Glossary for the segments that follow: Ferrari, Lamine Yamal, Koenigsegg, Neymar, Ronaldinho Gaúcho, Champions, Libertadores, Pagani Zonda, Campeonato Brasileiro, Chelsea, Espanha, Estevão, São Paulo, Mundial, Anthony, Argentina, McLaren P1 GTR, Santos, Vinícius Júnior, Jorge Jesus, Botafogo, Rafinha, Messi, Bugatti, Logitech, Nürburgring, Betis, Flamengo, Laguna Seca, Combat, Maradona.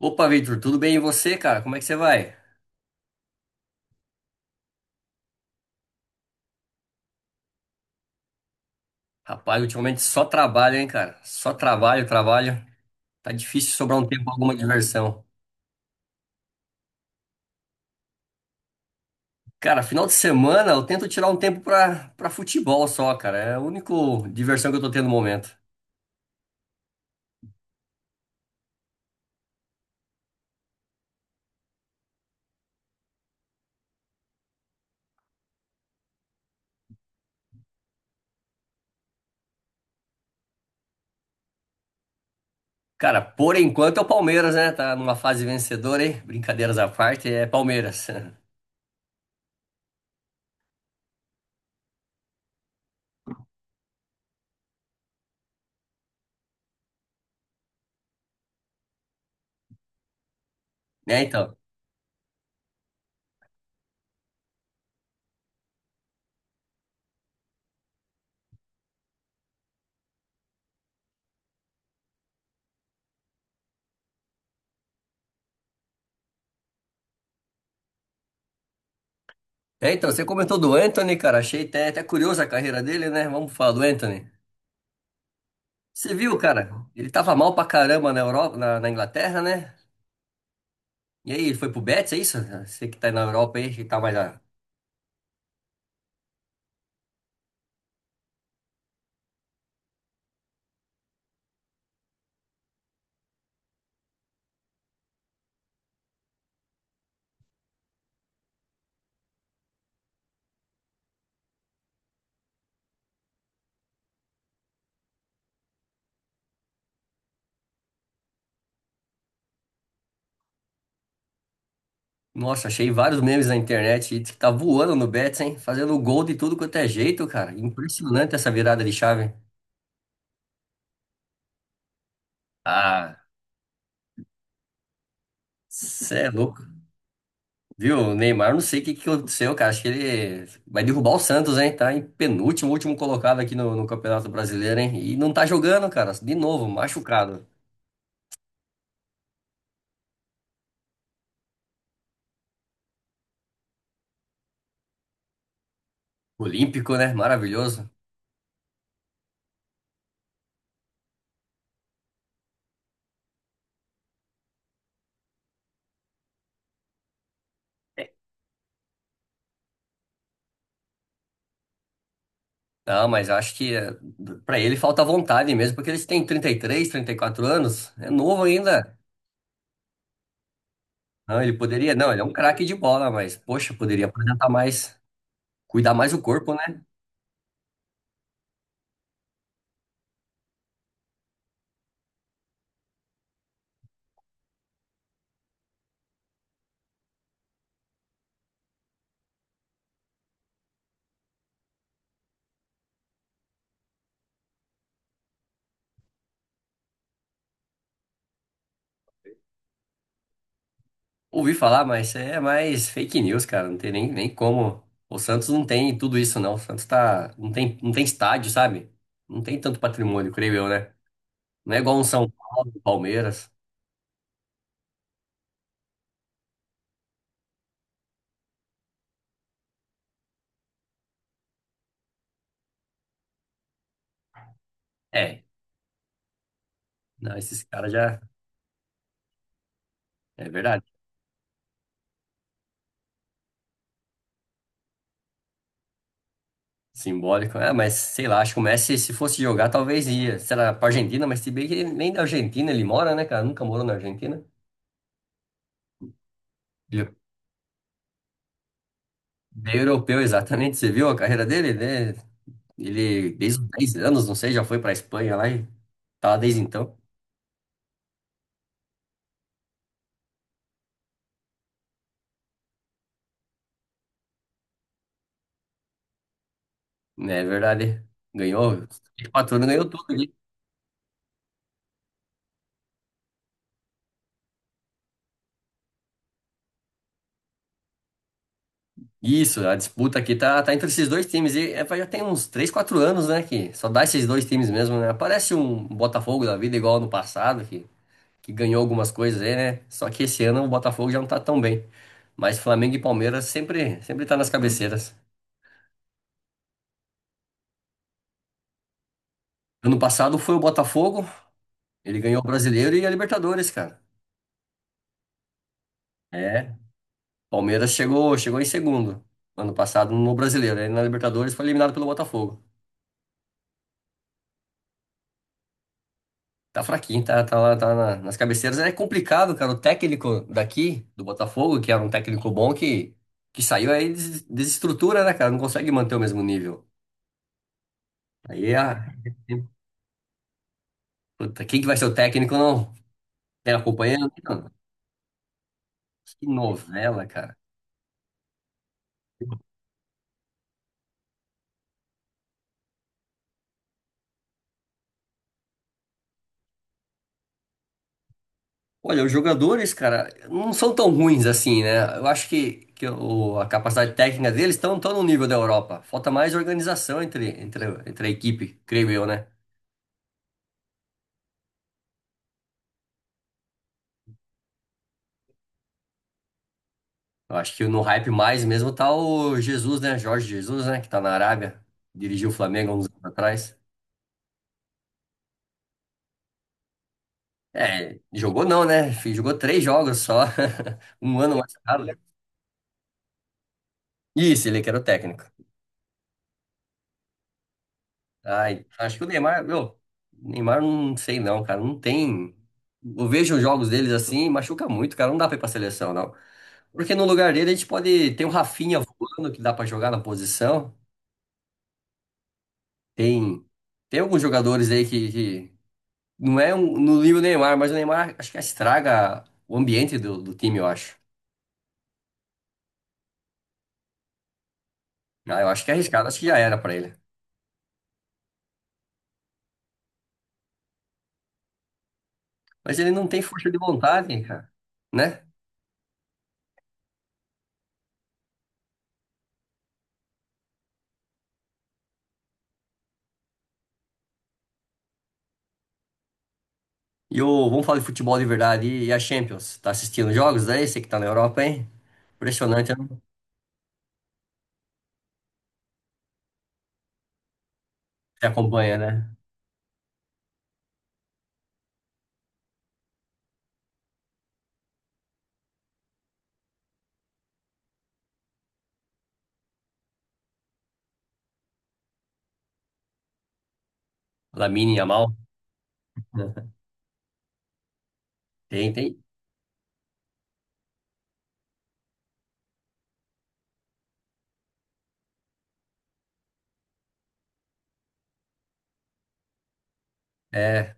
Opa, Victor, tudo bem e você, cara? Como é que você vai? Rapaz, ultimamente só trabalho, hein, cara? Só trabalho, trabalho. Tá difícil sobrar um tempo pra alguma diversão. Cara, final de semana eu tento tirar um tempo pra futebol só, cara. É a única diversão que eu tô tendo no momento. Cara, por enquanto é o Palmeiras, né? Tá numa fase vencedora, hein? Brincadeiras à parte, é Palmeiras. É, então. É, então, você comentou do Anthony, cara. Achei até curiosa a carreira dele, né? Vamos falar do Anthony. Você viu, cara? Ele tava mal pra caramba na Europa, na Inglaterra, né? E aí, ele foi pro Betis, é isso? Você que tá na Europa aí, que tá mais. Nossa, achei vários memes na internet e diz que tá voando no Betis, hein? Fazendo gol de tudo quanto é jeito, cara. Impressionante essa virada de chave. Ah, cê é louco. Viu, o Neymar, não sei o que que aconteceu, cara. Acho que ele vai derrubar o Santos, hein? Tá em penúltimo, último colocado aqui no Campeonato Brasileiro, hein? E não tá jogando, cara. De novo, machucado. Olímpico, né? Maravilhoso. Não, mas eu acho que para ele falta vontade mesmo, porque ele tem trinta e três, 34 anos, é novo ainda. Não, ele poderia, não, ele é um craque de bola, mas poxa, poderia apresentar mais, cuidar mais do corpo, né? Ouvi falar, mas é mais fake news, cara, não tem nem como. O Santos não tem tudo isso, não. O Santos tá, não tem estádio, sabe? Não tem tanto patrimônio, creio eu, né? Não é igual um São Paulo, Palmeiras. É, não, esses caras já, é verdade. Simbólico. Ah, mas sei lá, acho que o Messi, se fosse jogar, talvez ia. Será pra Argentina, mas se bem que ele nem da Argentina ele mora, né, cara? Nunca morou na Argentina. Ele ele é europeu, exatamente. Você viu a carreira dele, né? Ele, desde os 10 anos, não sei, já foi pra Espanha lá e tá lá desde então. É verdade. Ganhou, quatro anos ganhou tudo ali. Isso, a disputa aqui tá entre esses dois times. E é, já tem uns 3, 4 anos, né? Que só dá esses dois times mesmo, né? Parece um Botafogo da vida igual no passado, que ganhou algumas coisas aí, né? Só que esse ano o Botafogo já não tá tão bem. Mas Flamengo e Palmeiras sempre tá nas cabeceiras. Ano passado foi o Botafogo, ele ganhou o Brasileiro e a Libertadores, cara. É, Palmeiras chegou em segundo ano passado no Brasileiro, aí na Libertadores foi eliminado pelo Botafogo. Tá fraquinho, tá lá, nas cabeceiras. É complicado, cara. O técnico daqui, do Botafogo, que era um técnico bom, que saiu aí, desestrutura, né, cara? Não consegue manter o mesmo nível. Aí é, Puta, quem que vai ser o técnico, não? Tem acompanhando? Não. Que novela, cara. Olha, os jogadores, cara, não são tão ruins assim, né? Eu acho que a capacidade técnica deles estão tão no nível da Europa. Falta mais organização entre a equipe, creio eu, né? Eu acho que no hype mais mesmo tá o Jesus, né? Jorge Jesus, né? Que tá na Arábia. Dirigiu o Flamengo há uns anos atrás. É, jogou não, né? Jogou três jogos só. Um ano mais tarde. Isso, ele é que era o técnico. Ai, acho que o Neymar, meu, o Neymar não sei não, cara, não tem. Eu vejo os jogos deles assim, machuca muito, cara, não dá pra ir pra seleção, não. Porque no lugar dele a gente pode ter um Rafinha voando que dá pra jogar na posição. Tem tem alguns jogadores aí que não é um, no nível Neymar, mas o Neymar acho que estraga o ambiente do time, eu acho. Ah, eu acho que é arriscado, acho que já era pra ele. Mas ele não tem força de vontade, cara, né? Vamos falar de futebol de verdade e a Champions. Tá assistindo jogos aí? Você que tá na Europa, hein? Impressionante, né? Você acompanha, né? Lamine Yamal. Né? Tem, tem. É,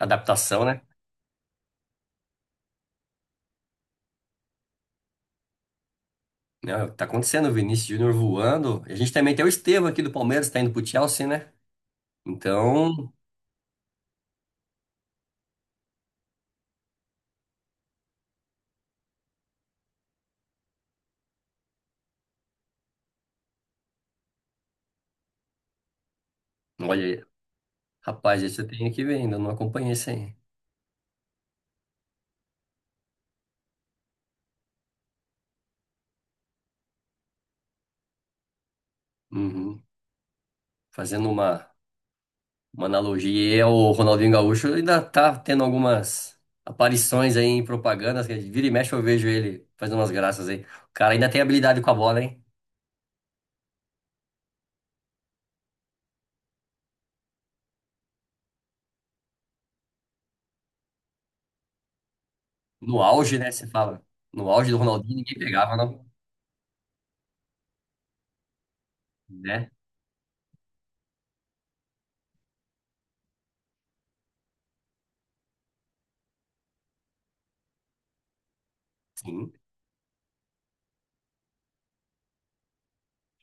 adaptação, né? Não, tá acontecendo, o Vinícius Júnior voando. A gente também tem o Estevão aqui do Palmeiras, tá indo pro Chelsea, né? Então, olha, aí. Rapaz, esse eu tenho que ver ainda, não acompanhei isso aí. Uhum. Fazendo uma analogia, e o Ronaldinho Gaúcho ainda tá tendo algumas aparições aí em propagandas, que vira e mexe eu vejo ele fazendo umas graças aí. O cara ainda tem habilidade com a bola, hein? No auge, né? Você fala. No auge do Ronaldinho, ninguém pegava, não. Né? Sim.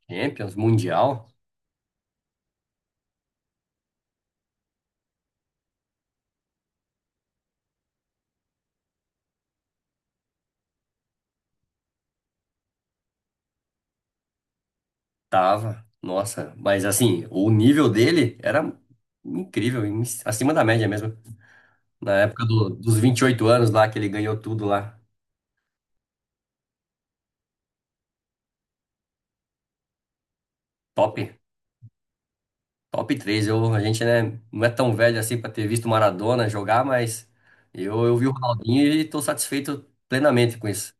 Champions, Mundial, tava. Nossa, mas assim, o nível dele era incrível, acima da média mesmo. Na época dos 28 anos lá, que ele ganhou tudo lá. Top. Top três. Eu, a gente, né, não é tão velho assim pra ter visto o Maradona jogar, mas eu vi o Ronaldinho e tô satisfeito plenamente com isso.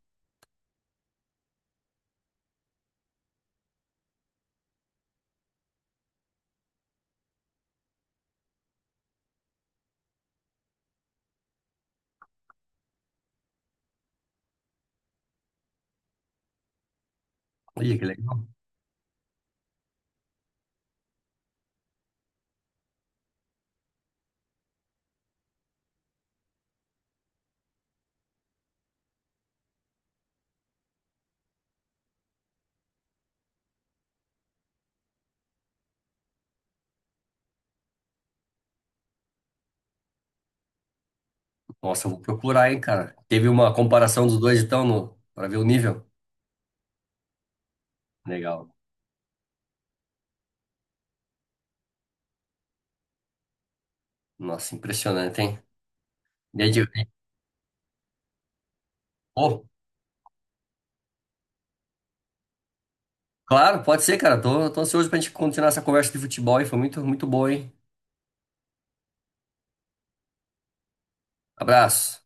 Olha que legal. Nossa, eu vou procurar, hein, cara. Teve uma comparação dos dois, então, no, pra ver o nível. Legal. Nossa, impressionante, hein? E aí, Pô, claro, pode ser, cara. Tô ansioso pra gente continuar essa conversa de futebol, e foi muito, muito boa, hein? Abraço.